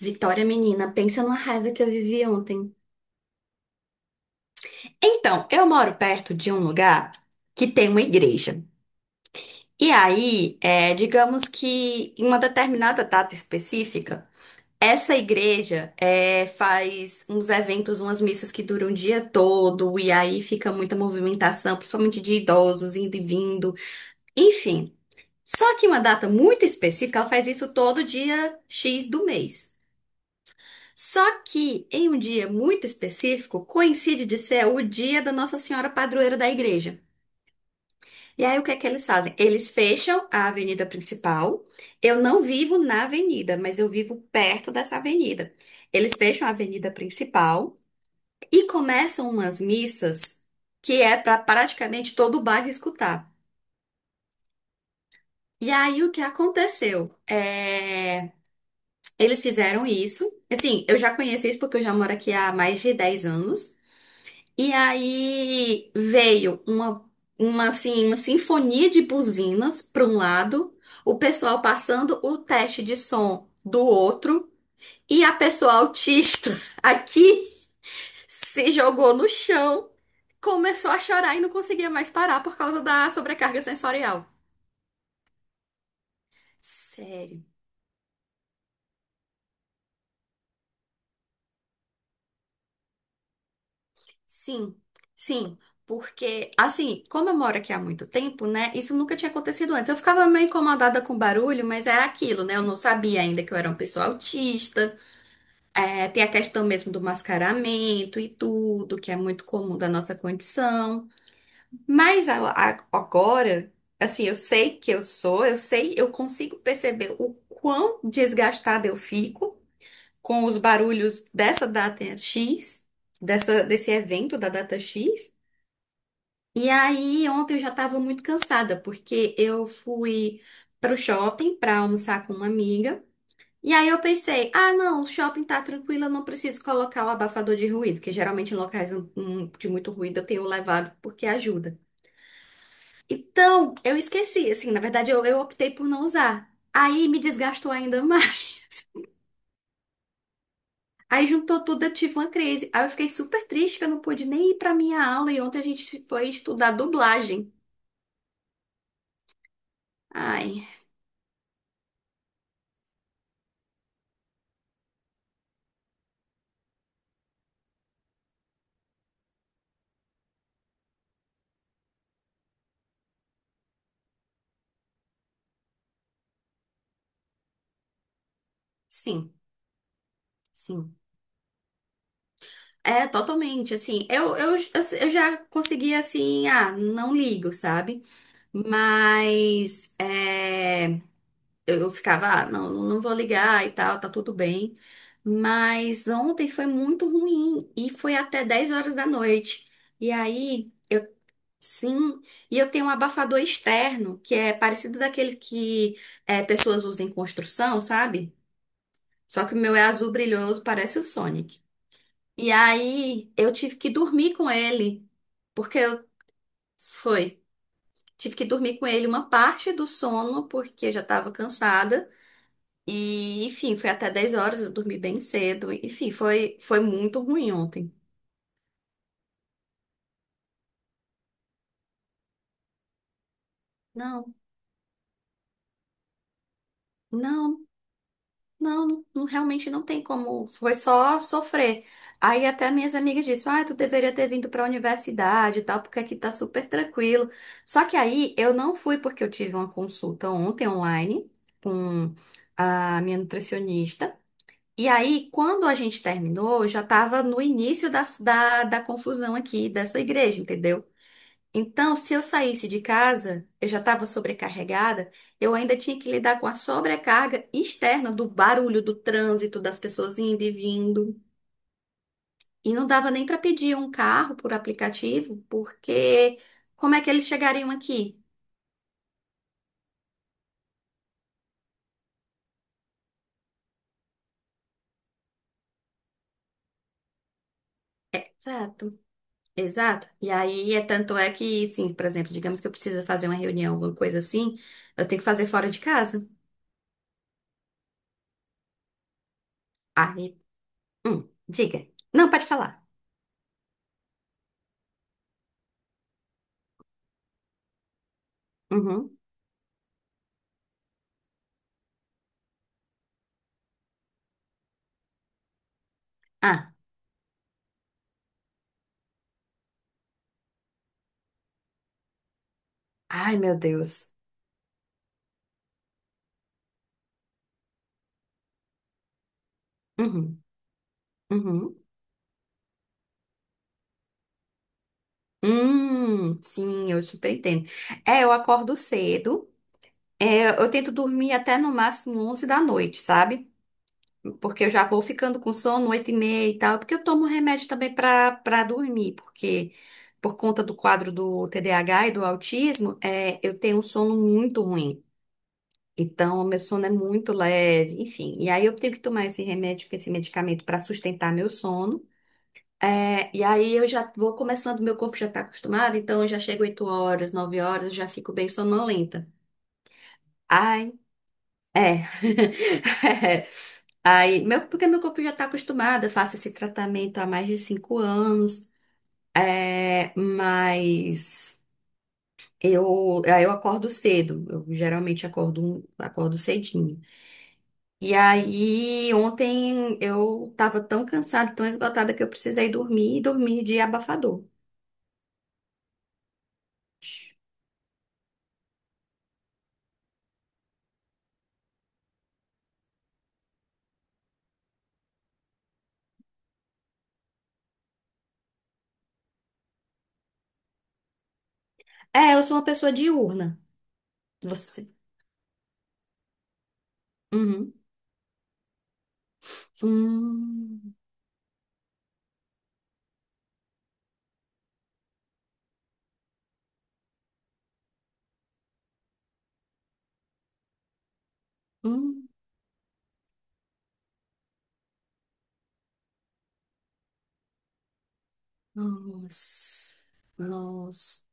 Vitória, menina, pensa na raiva que eu vivi ontem. Então, eu moro perto de um lugar que tem uma igreja. E aí, digamos que em uma determinada data específica, essa igreja faz uns eventos, umas missas que duram o dia todo, e aí fica muita movimentação, principalmente de idosos indo e vindo, enfim. Só que uma data muito específica, ela faz isso todo dia X do mês. Só que em um dia muito específico, coincide de ser o dia da Nossa Senhora Padroeira da igreja. E aí o que é que eles fazem? Eles fecham a avenida principal. Eu não vivo na avenida, mas eu vivo perto dessa avenida. Eles fecham a avenida principal e começam umas missas que é para praticamente todo o bairro escutar. E aí o que aconteceu? Eles fizeram isso. Assim, eu já conheço isso porque eu já moro aqui há mais de 10 anos. E aí veio assim, uma sinfonia de buzinas para um lado, o pessoal passando o teste de som do outro, e a pessoa autista aqui se jogou no chão, começou a chorar e não conseguia mais parar por causa da sobrecarga sensorial. Sério. Sim, sim, porque assim, como eu moro aqui há muito tempo, né? Isso nunca tinha acontecido antes. Eu ficava meio incomodada com o barulho, mas era aquilo, né? Eu não sabia ainda que eu era uma pessoa autista. É, tem a questão mesmo do mascaramento e tudo, que é muito comum da nossa condição. Mas agora, assim, eu sei que eu sou, eu sei, eu consigo perceber o quão desgastada eu fico com os barulhos dessa data X, desse evento da data X. E aí, ontem eu já estava muito cansada, porque eu fui para o shopping para almoçar com uma amiga. E aí eu pensei, ah, não, o shopping tá tranquilo, eu não preciso colocar o abafador de ruído, que geralmente em locais de muito ruído eu tenho levado porque ajuda. Então, eu esqueci, assim, na verdade eu optei por não usar. Aí me desgastou ainda mais. Aí juntou tudo, eu tive uma crise. Aí eu fiquei super triste que eu não pude nem ir para minha aula e ontem a gente foi estudar dublagem. Ai, sim, sim. É, totalmente, assim, eu já consegui, assim, ah, não ligo, sabe? Mas eu ficava, ah, não, não não vou ligar e tal, tá tudo bem. Mas ontem foi muito ruim e foi até 10 horas da noite. E aí, sim, e eu tenho um abafador externo, que é parecido daquele que pessoas usam em construção, sabe? Só que o meu é azul brilhoso, parece o Sonic. E aí, eu tive que dormir com ele. Porque eu- Foi. Tive que dormir com ele uma parte do sono, porque já estava cansada. E, enfim, foi até 10 horas, eu dormi bem cedo. Enfim, foi muito ruim ontem. Não, não, não, não, realmente não tem como. Foi só sofrer. Aí até minhas amigas disseram, ah, tu deveria ter vindo para a universidade e tal, porque aqui tá super tranquilo. Só que aí eu não fui porque eu tive uma consulta ontem online com a minha nutricionista. E aí, quando a gente terminou, eu já estava no início da confusão aqui dessa igreja, entendeu? Então, se eu saísse de casa, eu já estava sobrecarregada, eu ainda tinha que lidar com a sobrecarga externa do barulho, do trânsito, das pessoas indo e vindo. E não dava nem para pedir um carro por aplicativo, porque como é que eles chegariam aqui? Exato. Exato. E aí, é tanto é que, sim, por exemplo, digamos que eu preciso fazer uma reunião, alguma coisa assim, eu tenho que fazer fora de casa. Ai, diga. Não, pode falar. Uhum. Ah, ai, meu Deus. Uhum, uhum. Sim, eu super entendo. É, eu acordo cedo. É, eu tento dormir até no máximo 11 da noite, sabe? Porque eu já vou ficando com sono 8h30 e tal. Porque eu tomo remédio também pra dormir. Porque por conta do quadro do TDAH e do autismo, eu tenho um sono muito ruim. Então, meu sono é muito leve, enfim. E aí eu tenho que tomar esse remédio, esse medicamento para sustentar meu sono. É, e aí eu já vou começando, meu corpo já está acostumado, então eu já chego 8 horas, 9 horas, eu já fico bem sonolenta. Ai, é. Aí, meu, porque meu corpo já está acostumado, eu faço esse tratamento há mais de 5 anos, mas aí eu acordo cedo, eu geralmente acordo cedinho. E aí, ontem eu tava tão cansada, tão esgotada que eu precisei dormir e dormir de abafador. É, eu sou uma pessoa diurna. Você. Uhum. Hum, hum. Nossa. Nossa.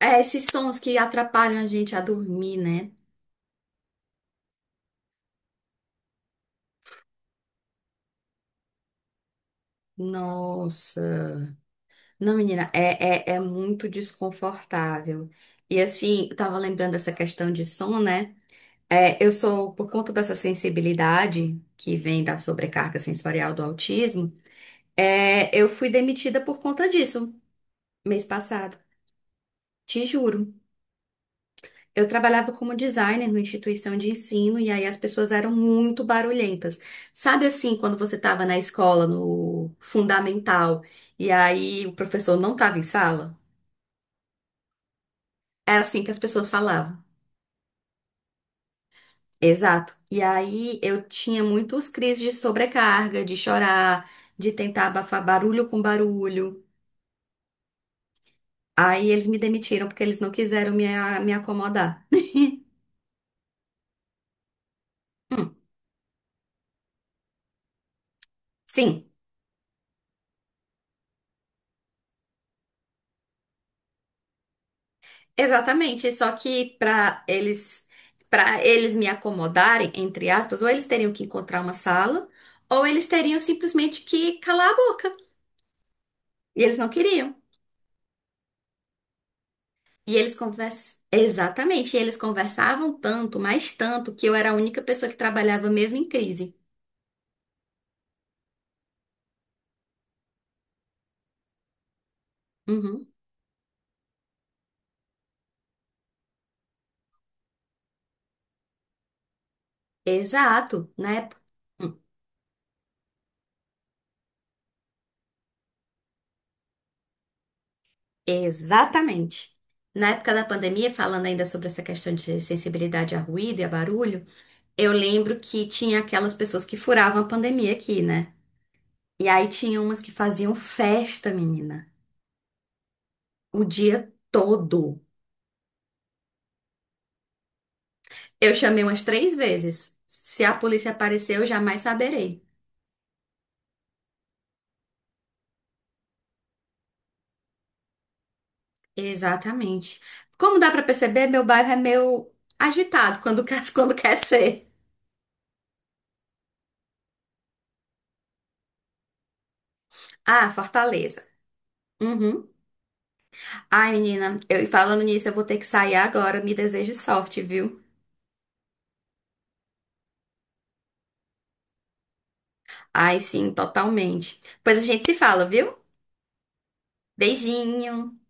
É, esses sons que atrapalham a gente a dormir, né? Nossa. Não, menina, é muito desconfortável. E assim, eu tava lembrando dessa questão de som, né? É, eu sou, por conta dessa sensibilidade que vem da sobrecarga sensorial do autismo, eu fui demitida por conta disso mês passado. Te juro. Eu trabalhava como designer numa instituição de ensino e aí as pessoas eram muito barulhentas. Sabe assim, quando você estava na escola, no fundamental, e aí o professor não estava em sala? Era assim que as pessoas falavam. Exato. E aí eu tinha muitos crises de sobrecarga, de chorar, de tentar abafar barulho com barulho. Aí eles me demitiram porque eles não quiseram me acomodar. Hum, sim, exatamente. Só que para eles me acomodarem, entre aspas, ou eles teriam que encontrar uma sala, ou eles teriam simplesmente que calar a boca. E eles não queriam. E eles conversam. Exatamente, e eles conversavam tanto, mais tanto, que eu era a única pessoa que trabalhava mesmo em crise. Uhum. Exato, na época. Hum, Exatamente. Na época da pandemia, falando ainda sobre essa questão de sensibilidade a ruído e a barulho, eu lembro que tinha aquelas pessoas que furavam a pandemia aqui, né? E aí tinha umas que faziam festa, menina, o dia todo. Eu chamei umas três vezes. Se a polícia aparecer, eu jamais saberei. Exatamente. Como dá pra perceber, meu bairro é meio agitado quando quer, quando quer ser. Ah, Fortaleza. Uhum. Ai, menina, eu e falando nisso, eu vou ter que sair agora. Me desejo sorte, viu? Ai, sim, totalmente. Pois a gente se fala, viu? Beijinho. Tchau.